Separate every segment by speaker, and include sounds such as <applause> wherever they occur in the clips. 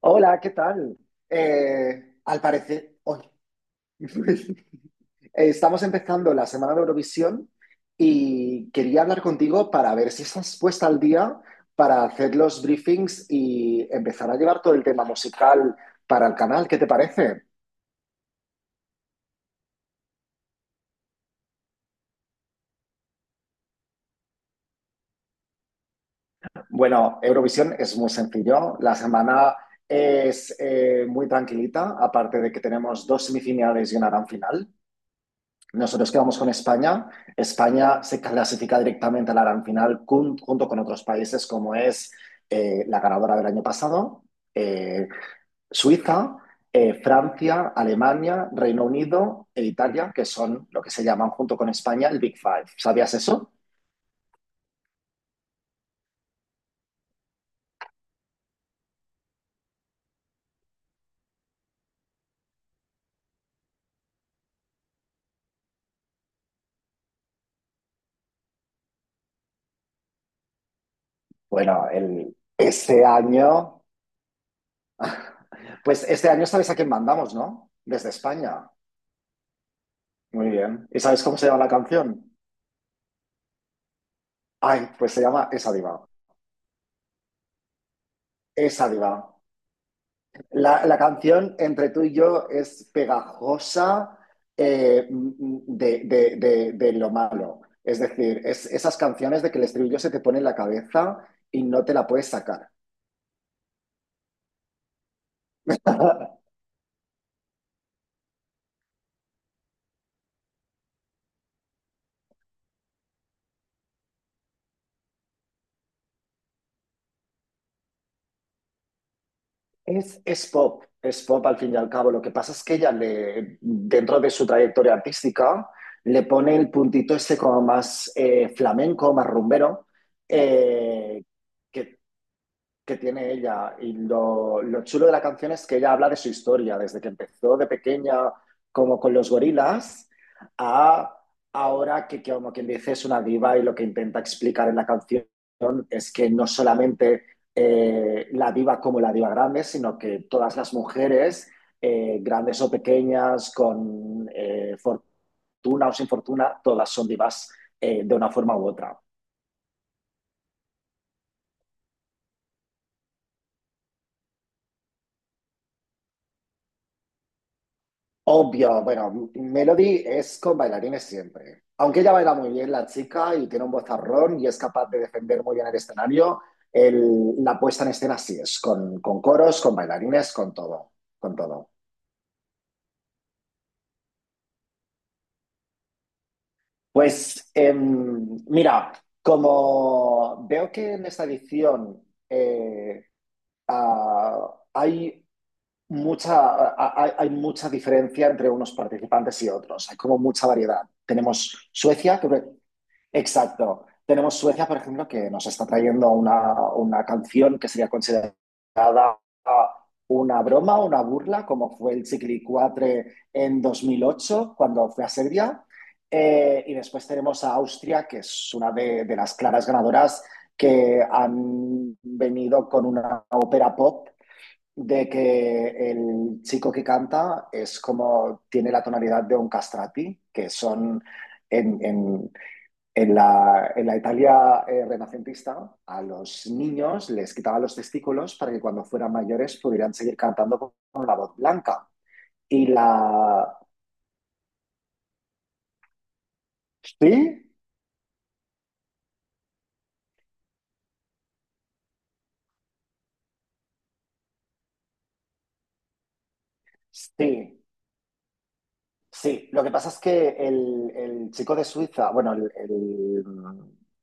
Speaker 1: Hola, ¿qué tal? Al parecer, hoy <laughs> estamos empezando la semana de Eurovisión y quería hablar contigo para ver si estás puesta al día para hacer los briefings y empezar a llevar todo el tema musical para el canal. ¿Qué te parece? Bueno, Eurovisión es muy sencillo. La semana es muy tranquilita, aparte de que tenemos dos semifinales y una gran final. Nosotros quedamos con España. España se clasifica directamente a la gran final junto con otros países como es la ganadora del año pasado, eh, Suiza, Francia, Alemania, Reino Unido e Italia, que son lo que se llaman junto con España el Big Five. ¿Sabías eso? Bueno, este año, <laughs> pues este año sabes a quién mandamos, ¿no? Desde España. Muy bien. ¿Y sabes cómo se llama la canción? Ay, pues se llama Esa Diva. Esa Diva. La canción entre tú y yo es pegajosa, de lo malo. Es decir, es esas canciones de que el estribillo se te pone en la cabeza y no te la puedes sacar. <laughs> Es pop, es pop al fin y al cabo. Lo que pasa es que ella, dentro de su trayectoria artística, le pone el puntito ese como más flamenco, más rumbero, eh, que que tiene ella. Y lo chulo de la canción es que ella habla de su historia, desde que empezó de pequeña como con los gorilas a ahora que, como quien dice es una diva, y lo que intenta explicar en la canción es que no solamente la diva como la diva grande, sino que todas las mujeres, grandes o pequeñas, con fortuna o sin fortuna, todas son divas de una forma u otra. Obvio, bueno, Melody es con bailarines siempre. Aunque ella baila muy bien, la chica, y tiene un vozarrón y es capaz de defender muy bien el escenario, la puesta en escena sí es, con, coros, con bailarines, con todo, con todo. Pues mira, como veo que en esta edición eh, ah, hay mucha, hay mucha diferencia entre unos participantes y otros, hay como mucha variedad. Tenemos Suecia. Que Exacto. Tenemos Suecia, por ejemplo, que nos está trayendo una, canción que sería considerada una broma, una burla, como fue el Ciclicuatre en 2008, cuando fue a Serbia. Y después tenemos a Austria, que es una de las claras ganadoras, que han venido con una ópera pop de que el chico que canta es como tiene la tonalidad de un castrati, que son en, en- en la Italia renacentista, a los niños les quitaban los testículos para que cuando fueran mayores pudieran seguir cantando con, la voz blanca. Y la... ¿Sí? Sí, sí. Lo que pasa es que el, chico de Suiza, bueno, el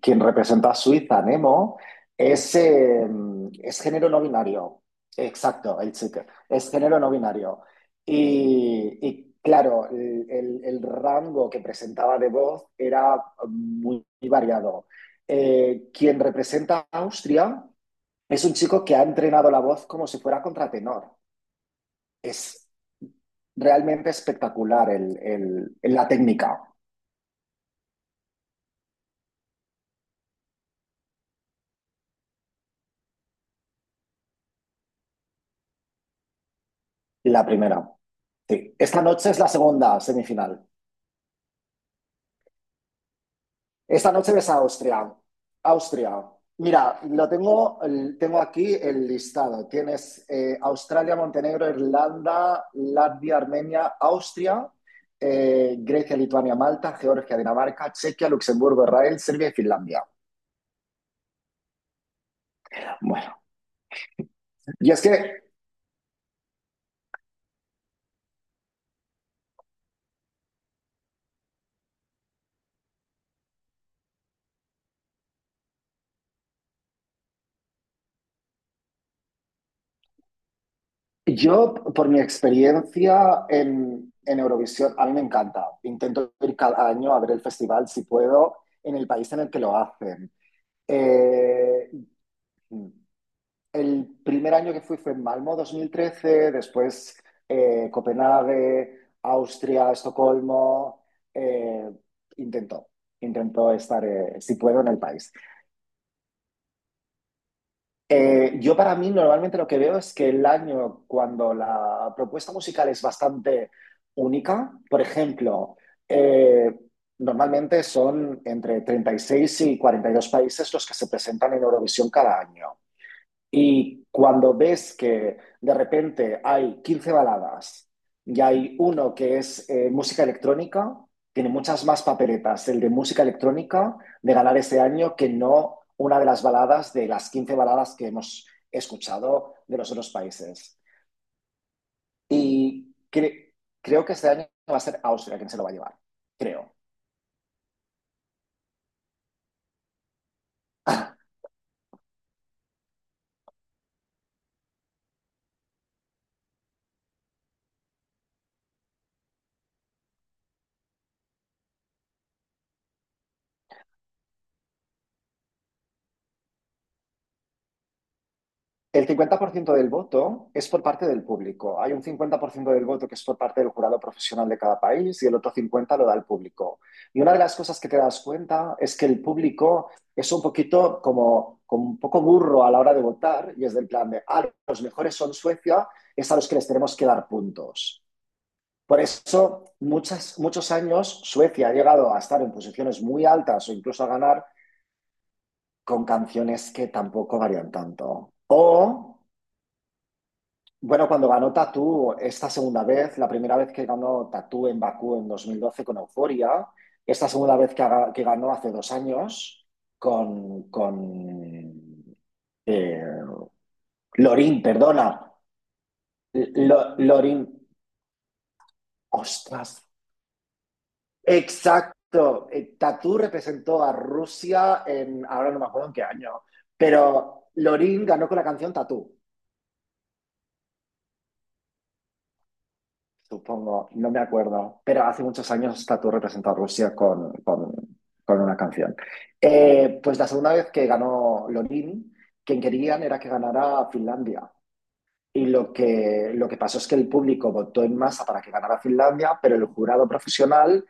Speaker 1: quien representa a Suiza, Nemo, es, eh, es género no binario. Exacto, el chico. Es género no binario. Y claro, el rango que presentaba de voz era muy, muy variado. Quien representa a Austria es un chico que ha entrenado la voz como si fuera contratenor. Es realmente espectacular la técnica. La primera. Sí. Esta noche es la segunda semifinal. Esta noche ves a Austria. Austria. Mira, tengo aquí el listado. Tienes Australia, Montenegro, Irlanda, Latvia, Armenia, Austria, Grecia, Lituania, Malta, Georgia, Dinamarca, Chequia, Luxemburgo, Israel, Serbia y Finlandia. Bueno, y es que yo, por mi experiencia en Eurovisión, a mí me encanta. Intento ir cada año a ver el festival si puedo en el país en el que lo hacen. Eh, el primer año que fui fue en Malmo, 2013, después Copenhague, Austria, Estocolmo. eh, intento, intento estar, si puedo, en el país. Yo para mí normalmente lo que veo es que el año cuando la propuesta musical es bastante única. Por ejemplo, eh, normalmente son entre 36 y 42 países los que se presentan en Eurovisión cada año. Y cuando ves que de repente hay 15 baladas y hay uno que es música electrónica, tiene muchas más papeletas el de música electrónica de ganar este año que no una de las baladas de las 15 baladas que hemos escuchado de los otros países. Y creo que este año va a ser Austria quien se lo va a llevar, creo. <laughs> El 50% del voto es por parte del público. Hay un 50% del voto que es por parte del jurado profesional de cada país, y el otro 50% lo da el público. Y una de las cosas que te das cuenta es que el público es un poquito como, como un poco burro a la hora de votar, y es del plan de, ah, los mejores son Suecia, es a los que les tenemos que dar puntos. Por eso, muchos años Suecia ha llegado a estar en posiciones muy altas o incluso a ganar con canciones que tampoco varían tanto. O Bueno, cuando ganó Tatú esta segunda vez, la primera vez que ganó Tatú en Bakú en 2012 con Euforia, esta segunda vez que ganó hace 2 años con, eh, Lorín, perdona. Lorín, ostras, exacto. Tatú representó a Rusia, ahora no me acuerdo en qué año, pero Lorin ganó con la canción Tatú. Supongo, no me acuerdo, pero hace muchos años Tatu representó a Rusia con, con una canción. Pues la segunda vez que ganó Lorin, quien querían era que ganara Finlandia. Y lo que pasó es que el público votó en masa para que ganara Finlandia, pero el jurado profesional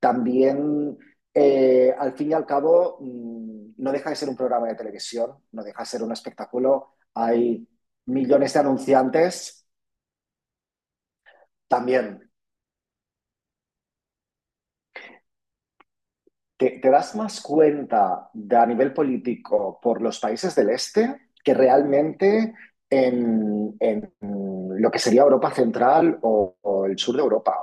Speaker 1: también, al fin y al cabo, no deja de ser un programa de televisión, no deja de ser un espectáculo. Hay millones de anunciantes también. ¿Te das más cuenta de, a nivel político, por los países del este que realmente en lo que sería Europa Central o el sur de Europa?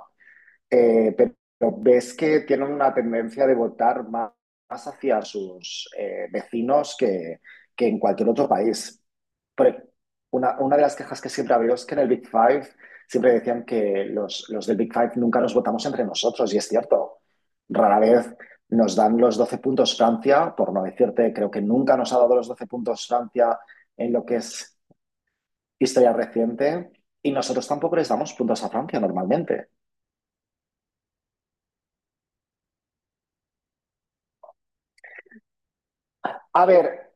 Speaker 1: Pero ves que tienen una tendencia de votar más hacia sus vecinos, que en cualquier otro país. Por- una de las quejas que siempre ha habido es que en el Big Five siempre decían que los del Big Five nunca nos votamos entre nosotros, y es cierto. Rara vez nos dan los 12 puntos Francia, por no decirte, creo que nunca nos ha dado los 12 puntos Francia en lo que es historia reciente, y nosotros tampoco les damos puntos a Francia normalmente. A ver.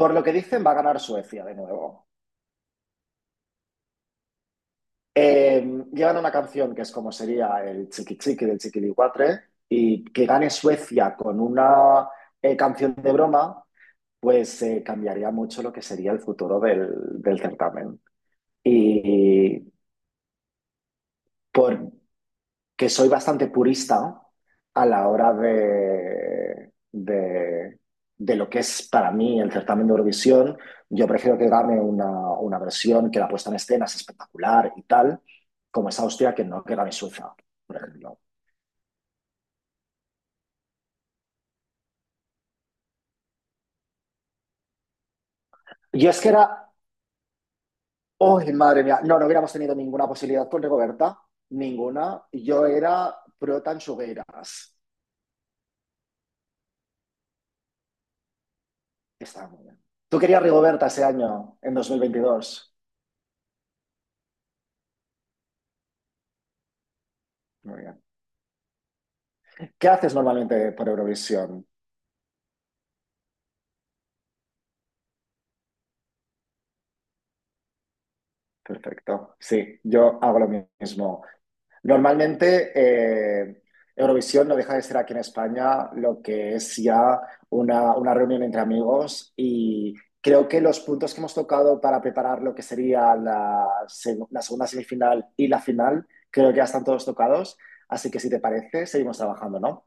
Speaker 1: Por lo que dicen, va a ganar Suecia de nuevo. Llevan una canción que es como sería el Chiqui Chiqui del Chiquilicuatre, y que gane Suecia con una canción de broma, pues cambiaría mucho lo que sería el futuro del certamen. Y por, que soy bastante purista a la hora de lo que es para mí el certamen de Eurovisión. Yo prefiero que gane una, versión que la puesta en escena es espectacular y tal, como es Austria, que no que gane Suiza, por ejemplo. Y es que era, ¡oh, madre mía! No, no hubiéramos tenido ninguna posibilidad con Rigoberta, ninguna. Yo era pro Tanchugueras. Está muy bien. ¿Tú querías Rigoberta ese año, en 2022? Muy bien. ¿Qué haces normalmente por Eurovisión? Perfecto. Sí, yo hago lo mismo. Normalmente Eurovisión no deja de ser aquí en España lo que es ya una, reunión entre amigos, y creo que los puntos que hemos tocado para preparar lo que sería la, la segunda semifinal y la final, creo que ya están todos tocados. Así que si te parece, seguimos trabajando, ¿no?